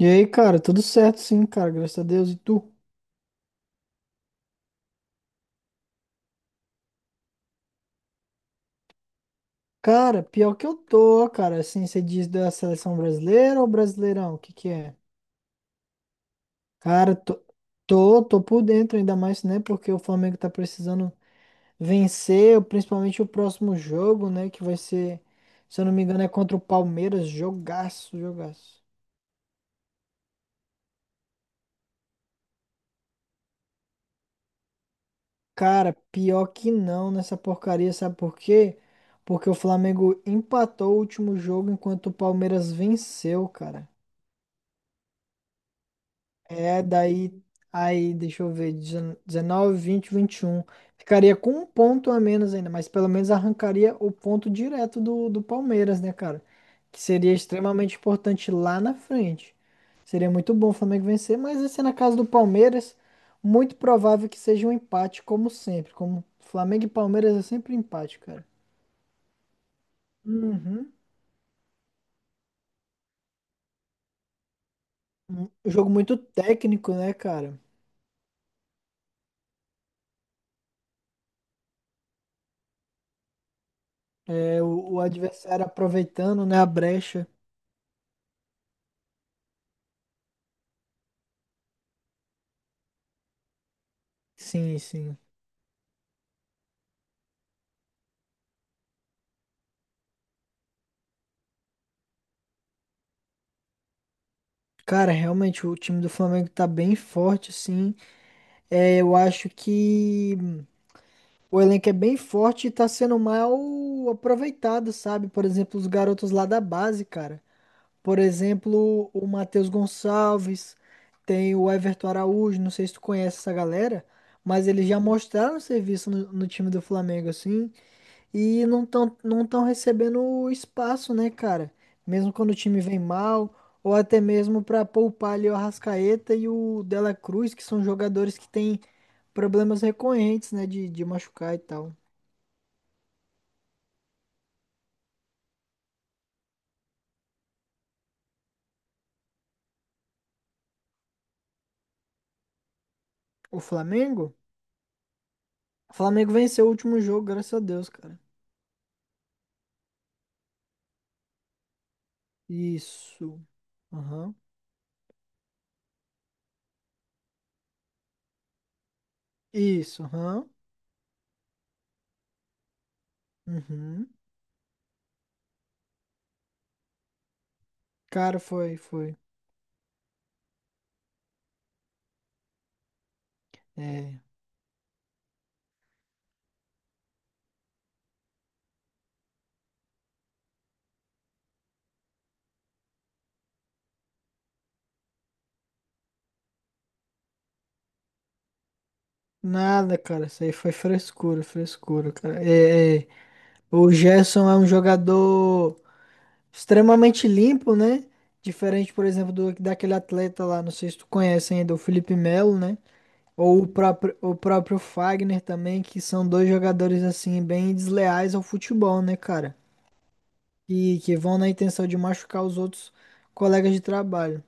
E aí, cara, tudo certo sim, cara, graças a Deus. E tu? Cara, pior que eu tô, cara, assim, você diz da seleção brasileira ou brasileirão? O que que é? Cara, tô por dentro ainda mais, né, porque o Flamengo tá precisando vencer, principalmente o próximo jogo, né, que vai ser, se eu não me engano, é contra o Palmeiras, jogaço, jogaço. Cara, pior que não nessa porcaria, sabe por quê? Porque o Flamengo empatou o último jogo enquanto o Palmeiras venceu, cara. É, daí, aí, deixa eu ver, 19, 20, 21. Ficaria com um ponto a menos ainda, mas pelo menos arrancaria o ponto direto do Palmeiras, né, cara? Que seria extremamente importante lá na frente. Seria muito bom o Flamengo vencer, mas assim, na casa do Palmeiras, muito provável que seja um empate, como sempre. Como Flamengo e Palmeiras é sempre empate, cara. Uhum. Um jogo muito técnico, né, cara? É, o adversário aproveitando, né, a brecha. Sim, sim. Cara, realmente o time do Flamengo tá bem forte, sim. É, eu acho que o elenco é bem forte e tá sendo mal aproveitado, sabe? Por exemplo, os garotos lá da base, cara. Por exemplo, o Matheus Gonçalves, tem o Everton Araújo, não sei se tu conhece essa galera, mas eles já mostraram serviço no time do Flamengo, assim. E não estão recebendo o espaço, né, cara? Mesmo quando o time vem mal, ou até mesmo para poupar ali o Arrascaeta e o Dela Cruz, que são jogadores que têm problemas recorrentes, né, de machucar e tal. O Flamengo? O Flamengo venceu o último jogo, graças a Deus, cara. Isso. Aham. Isso, aham. Uhum. Cara, foi, foi. É. Nada, cara. Isso aí foi frescura, frescura, cara. É, é. O Gerson é um jogador, extremamente limpo, né? Diferente, por exemplo, daquele atleta lá, não sei se tu conhece ainda, o Felipe Melo, né? Ou o próprio Fagner também, que são dois jogadores, assim, bem desleais ao futebol, né, cara? E que vão na intenção de machucar os outros colegas de trabalho.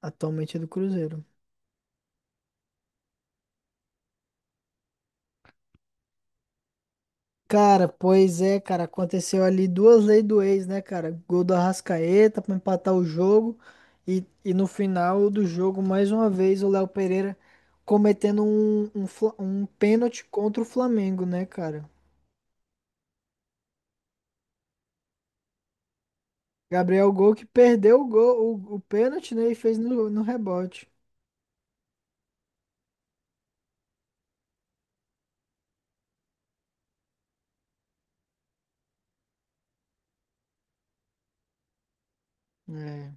Atualmente é do Cruzeiro. Cara, pois é, cara, aconteceu ali duas leis do ex, né, cara? Gol do Arrascaeta pra empatar o jogo e no final do jogo, mais uma vez, o Léo Pereira cometendo um pênalti contra o Flamengo, né, cara? Gabriel Gol que perdeu o gol, o pênalti, né, e fez no rebote. É.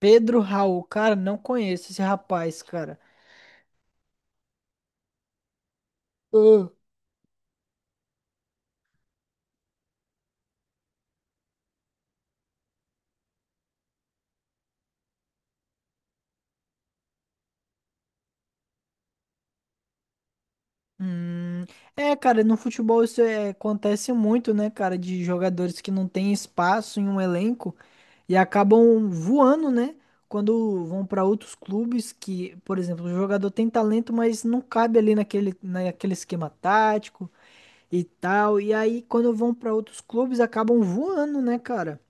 Pedro Raul, cara, não conheço esse rapaz, cara. Hum, é, cara, no futebol isso acontece muito, né, cara, de jogadores que não têm espaço em um elenco e acabam voando, né, quando vão para outros clubes que, por exemplo, o jogador tem talento, mas não cabe ali naquele esquema tático e tal, e aí quando vão para outros clubes acabam voando, né, cara?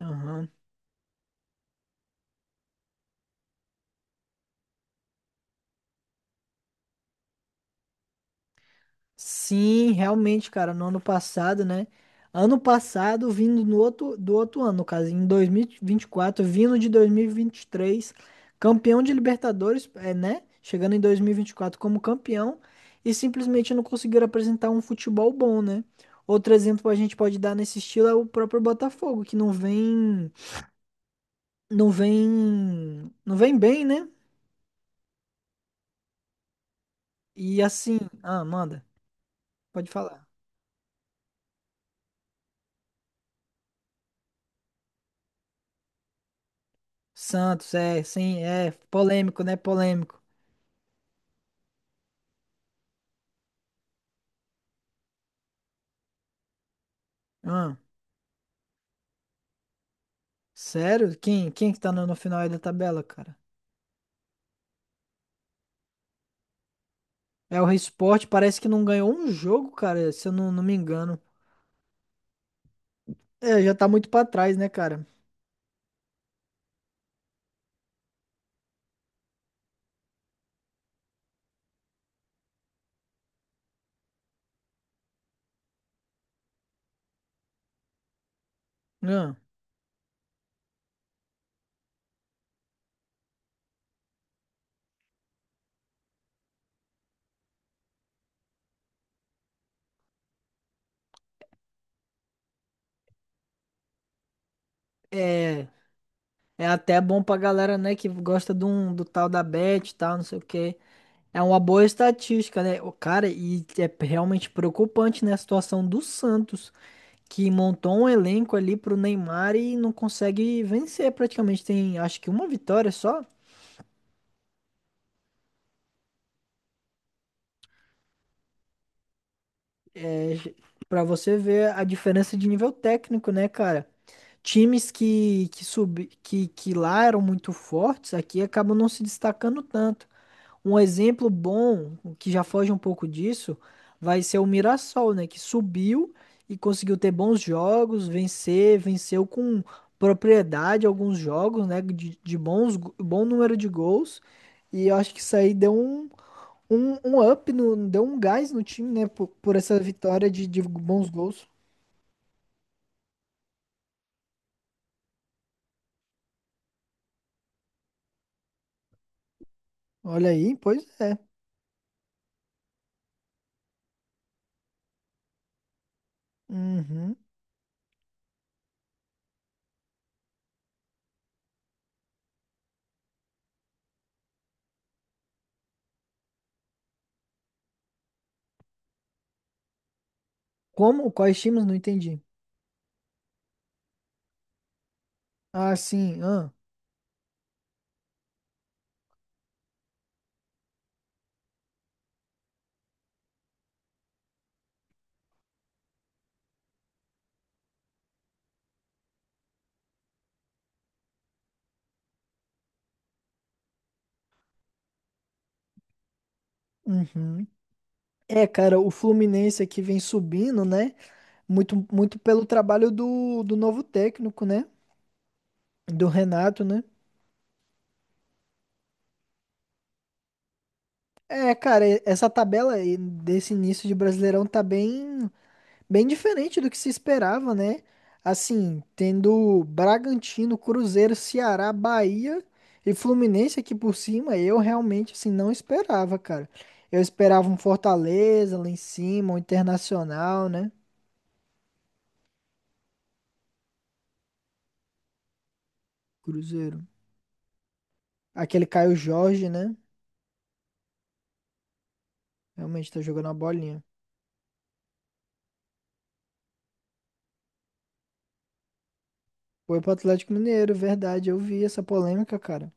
Aham. Sim, realmente, cara, no ano passado, né? Ano passado, vindo no outro, do outro ano, no caso, em 2024 vindo de 2023 campeão de Libertadores, é, né? Chegando em 2024 como campeão e simplesmente não conseguiram apresentar um futebol bom, né? Outro exemplo que a gente pode dar nesse estilo é o próprio Botafogo, que não vem, não vem bem, né? E assim, ah, manda, pode falar. Santos, é, sim, é polêmico, né? Polêmico. Ah, sério? Quem que tá no final aí da tabela, cara? É o Rei Sport, parece que não ganhou um jogo, cara, se eu não me engano. É, já tá muito pra trás, né, cara? Ah, é, é até bom pra galera, né, que gosta do tal da Bet e tal, não sei o quê. É uma boa estatística, né? O cara, e é realmente preocupante, né, a situação do Santos, que montou um elenco ali pro Neymar e não consegue vencer praticamente. Tem, acho que uma vitória só. Pra você ver a diferença de nível técnico, né, cara? Times que lá eram muito fortes, aqui acabam não se destacando tanto. Um exemplo bom, que já foge um pouco disso, vai ser o Mirassol, né? Que subiu e conseguiu ter bons jogos, vencer, venceu com propriedade alguns jogos, né? De bons, bom número de gols. E eu acho que isso aí deu um gás no time, né? Por essa vitória de bons gols. Olha aí, pois é. Uhum. Como? Quais times? Não entendi. Ah, sim. Ah. Uhum. É, cara, o Fluminense aqui vem subindo, né? Muito, muito pelo trabalho do novo técnico, né? Do Renato, né? É, cara, essa tabela aí desse início de Brasileirão tá bem diferente do que se esperava, né? Assim, tendo Bragantino, Cruzeiro, Ceará, Bahia e Fluminense aqui por cima, eu realmente assim não esperava, cara. Eu esperava um Fortaleza lá em cima, um Internacional, né? Cruzeiro. Aquele Caio Jorge, né? Realmente tá jogando a bolinha. Foi pro Atlético Mineiro, verdade. Eu vi essa polêmica, cara.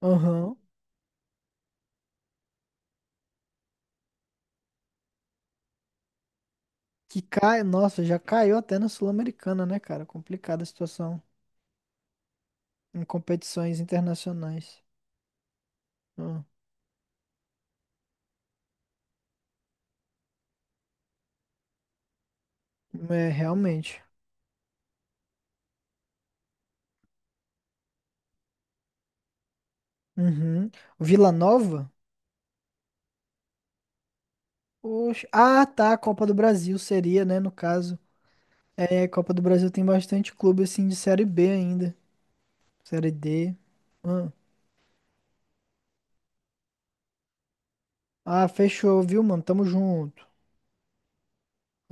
Aham. Que cai, nossa, já caiu até na Sul-Americana, né, cara? Complicada a situação em competições internacionais. Ah, é, realmente. Uhum. Vila Nova? Oxe. Ah, tá. A Copa do Brasil seria, né? No caso. É, Copa do Brasil tem bastante clube, assim, de Série B ainda. Série D. Ah, Ah, fechou, viu, mano? Tamo junto.